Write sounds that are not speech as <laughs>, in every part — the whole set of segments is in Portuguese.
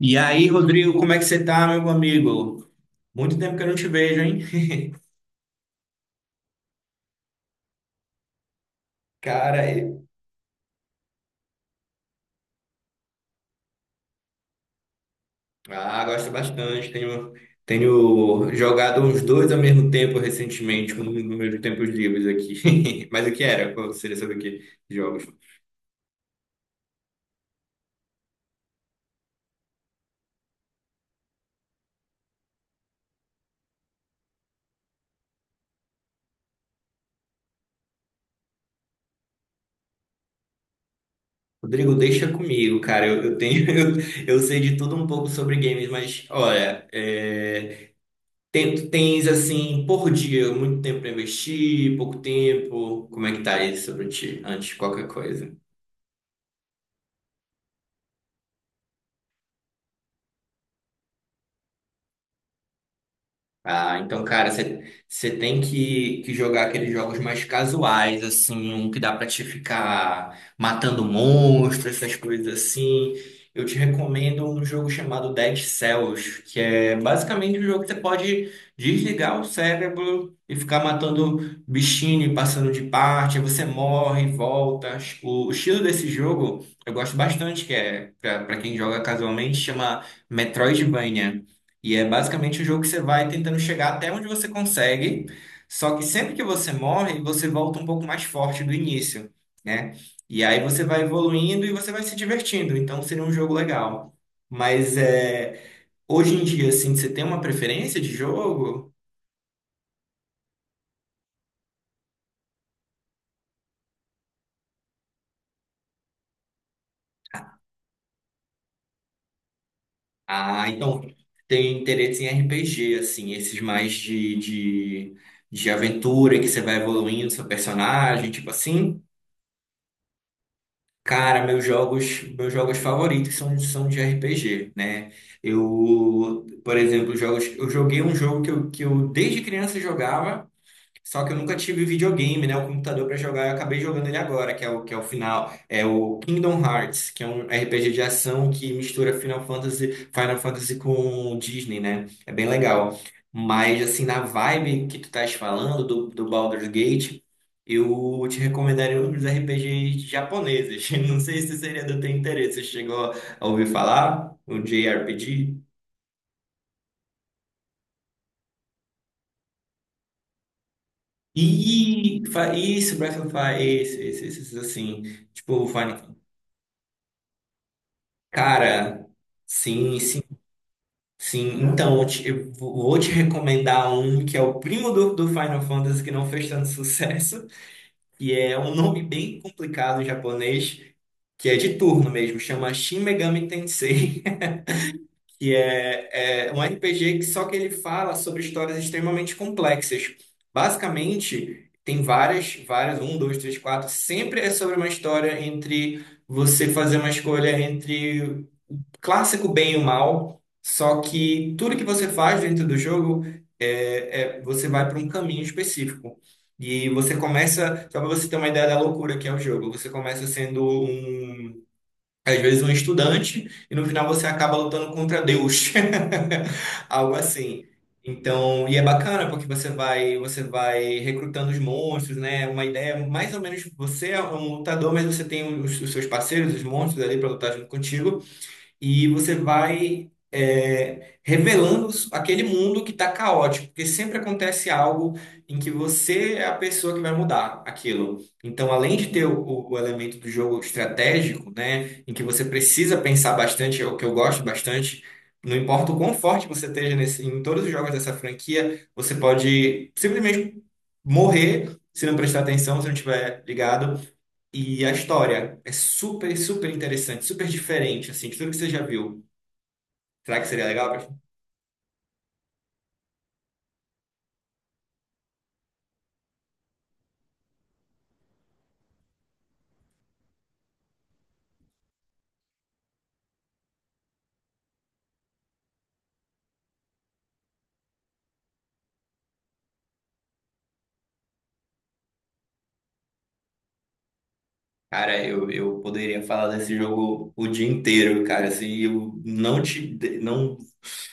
E aí, Rodrigo, como é que você tá, meu amigo? Muito tempo que eu não te vejo, hein? Cara, e- ah, gosto bastante. Tenho jogado os dois ao mesmo tempo recentemente, com nos meus tempos livres aqui. <laughs> Mas o que era? Qual seria sobre o que? Jogos. Rodrigo, deixa comigo, cara. Eu tenho, <laughs> eu sei de tudo um pouco sobre games, mas olha, tem- tu tens assim por dia muito tempo pra investir, pouco tempo. Como é que tá isso sobre ti? Antes de qualquer coisa. Ah, então, cara, você tem que jogar aqueles jogos mais casuais, assim, um que dá pra te ficar matando monstros, essas coisas assim. Eu te recomendo um jogo chamado Dead Cells, que é basicamente um jogo que você pode desligar o cérebro e ficar matando bichinho, e passando de parte, aí você morre, volta. O estilo desse jogo eu gosto bastante, que é, pra, pra quem joga casualmente, chama Metroidvania. E é basicamente o jogo que você vai tentando chegar até onde você consegue, só que sempre que você morre, você volta um pouco mais forte do início, né? E aí você vai evoluindo e você vai se divertindo, então seria um jogo legal. Mas é, hoje em dia, assim, você tem uma preferência de jogo? Ah, então tem interesse em RPG, assim, esses mais de aventura que você vai evoluindo seu personagem, tipo assim. Cara, meus jogos favoritos são de RPG, né? Eu, por exemplo, jogos, eu joguei um jogo que eu desde criança jogava só que eu nunca tive videogame, né? O computador pra jogar, eu acabei jogando ele agora, que é que é o final. É o Kingdom Hearts, que é um RPG de ação que mistura Final Fantasy, Final Fantasy com Disney, né? É bem legal. Mas, assim, na vibe que tu estás falando do Baldur's Gate, eu te recomendaria um dos RPGs japoneses. <laughs> Não sei se seria do teu interesse. Você chegou a ouvir falar? O JRPG? E fa- isso, Breath of Fire, esse, assim. Tipo, o Final Cara, sim, sim, sim. Então, eu vou te <laughs> recomendar um que é o primo do Final Fantasy que não fez tanto <laughs> sucesso, e é um nome bem complicado em japonês, que é de turno mesmo, chama Shin Megami Tensei, <laughs> que é um RPG que só que ele fala sobre histórias extremamente complexas. Basicamente, tem várias, um, dois, três, quatro, sempre é sobre uma história entre você fazer uma escolha entre clássico bem e o mal, só que tudo que você faz dentro do jogo você vai para um caminho específico. E você começa, só para você ter uma ideia da loucura que é o jogo, você começa sendo um, às vezes um estudante e no final você acaba lutando contra Deus. <laughs> Algo assim. Então, e é bacana porque você vai recrutando os monstros, né? Uma ideia, mais ou menos, você é um lutador, mas você tem os seus parceiros, os monstros ali para lutar junto contigo e você vai é, revelando aquele mundo que está caótico, porque sempre acontece algo em que você é a pessoa que vai mudar aquilo. Então, além de ter o elemento do jogo estratégico, né, em que você precisa pensar bastante, é o que eu gosto bastante. Não importa o quão forte você esteja nesse, em todos os jogos dessa franquia, você pode simplesmente morrer se não prestar atenção, se não estiver ligado. E a história é super, super interessante, super diferente, assim, de tudo que você já viu. Será que seria legal, cara? Cara, eu poderia falar desse jogo o dia inteiro, cara, assim, eu não te, não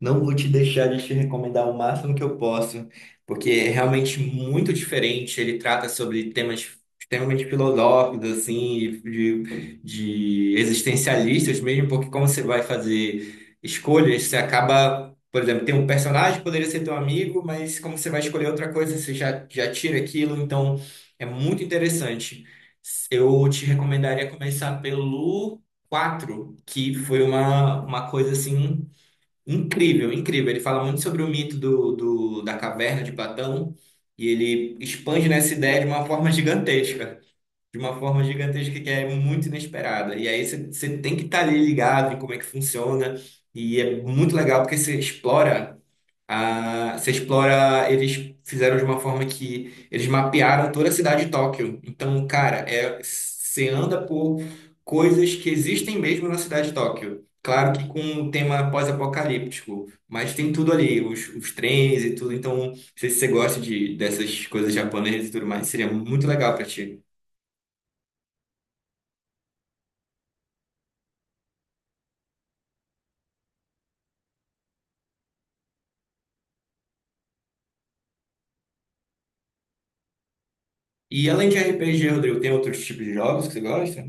Não vou te deixar de te recomendar o máximo que eu posso, porque é realmente muito diferente. Ele trata sobre temas extremamente filosóficos, assim, de existencialistas mesmo, porque como você vai fazer escolhas, você acaba, por exemplo, tem um personagem que poderia ser teu amigo, mas como você vai escolher outra coisa, você já tira aquilo, então é muito interessante. Eu te recomendaria começar pelo 4, que foi uma coisa assim incrível, incrível. Ele fala muito sobre o mito da caverna de Platão e ele expande nessa ideia de uma forma gigantesca, de uma forma gigantesca que é muito inesperada. E aí você tem que estar ali ligado em como é que funciona e é muito legal porque você explora. Ah, você explora. Eles fizeram de uma forma que eles mapearam toda a cidade de Tóquio. Então, cara, é, você anda por coisas que existem mesmo na cidade de Tóquio. Claro que com um tema pós-apocalíptico, mas tem tudo ali, os trens e tudo. Então, não sei se você gosta de, dessas coisas japonesas e tudo mais, seria muito legal pra ti. E além de RPG, Rodrigo, tem outros tipos de jogos que você gosta?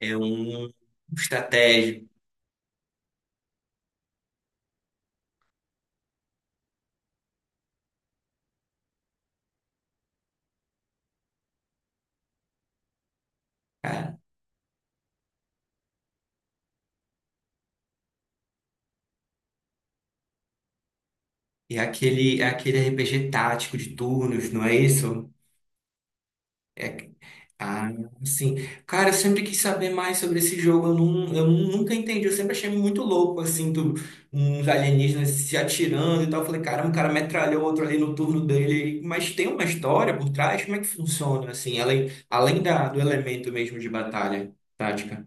É um estratégia. E é aquele RPG tático de turnos, não é isso? É, ah, sim. Cara, eu sempre quis saber mais sobre esse jogo. Eu, não, eu nunca entendi. Eu sempre achei muito louco, assim, do, uns alienígenas se atirando e tal. Eu falei, caramba, o cara metralhou outro ali no turno dele. Mas tem uma história por trás? Como é que funciona, assim? Além, além da, do elemento mesmo de batalha tática.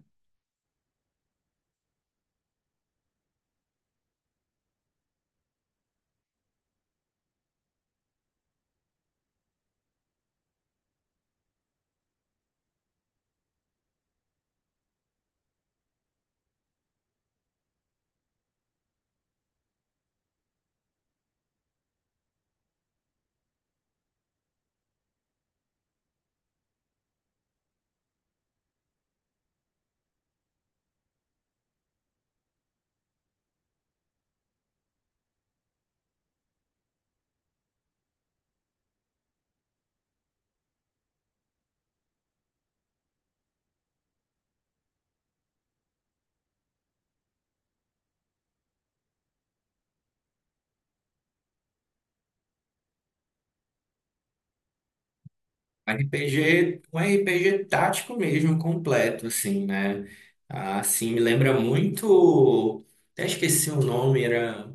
RPG, um RPG tático mesmo, completo, assim, né? Ah, assim, me lembra muito. Até esqueci o nome, era.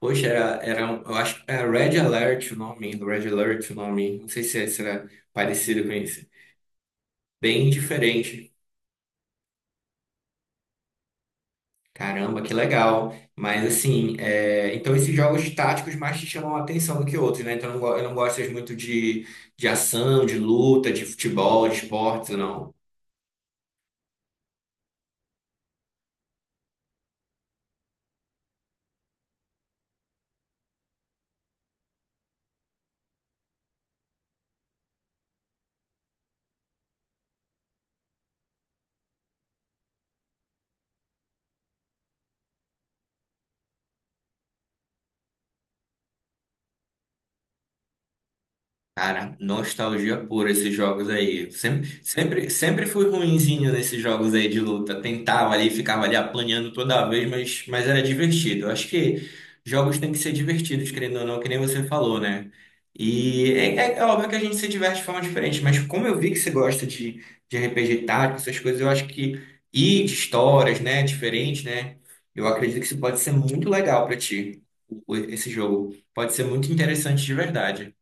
Poxa, um- eu acho que era Red Alert o nome, Red Alert o nome, não sei se esse era parecido com esse. Bem diferente. Caramba, que legal. Mas assim, é, então esses jogos táticos mais te chamam a atenção do que outros, né? Então eu não, go- eu não gosto muito de ação, de luta, de futebol, de esportes, não. Cara, nostalgia pura esses jogos aí. Sempre fui ruinzinho nesses jogos aí de luta. Tentava ali, ficava ali apanhando toda vez, mas era divertido. Eu acho que jogos têm que ser divertidos, querendo ou não, que nem você falou, né? E é, é- é óbvio que a gente se diverte de forma diferente, mas como eu vi que você gosta de RPG tático, essas coisas, eu acho que e de histórias, né, diferente, né? Eu acredito que isso pode ser muito legal pra ti, o- esse jogo. Pode ser muito interessante de verdade.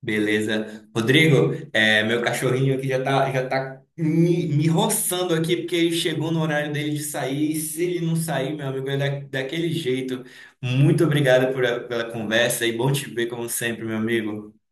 Beleza. Rodrigo, é, meu cachorrinho aqui já tá, me, me roçando aqui, porque ele chegou no horário dele de sair. E se ele não sair, meu amigo, é da, daquele jeito. Muito obrigado por a- pela conversa e bom te ver, como sempre, meu amigo.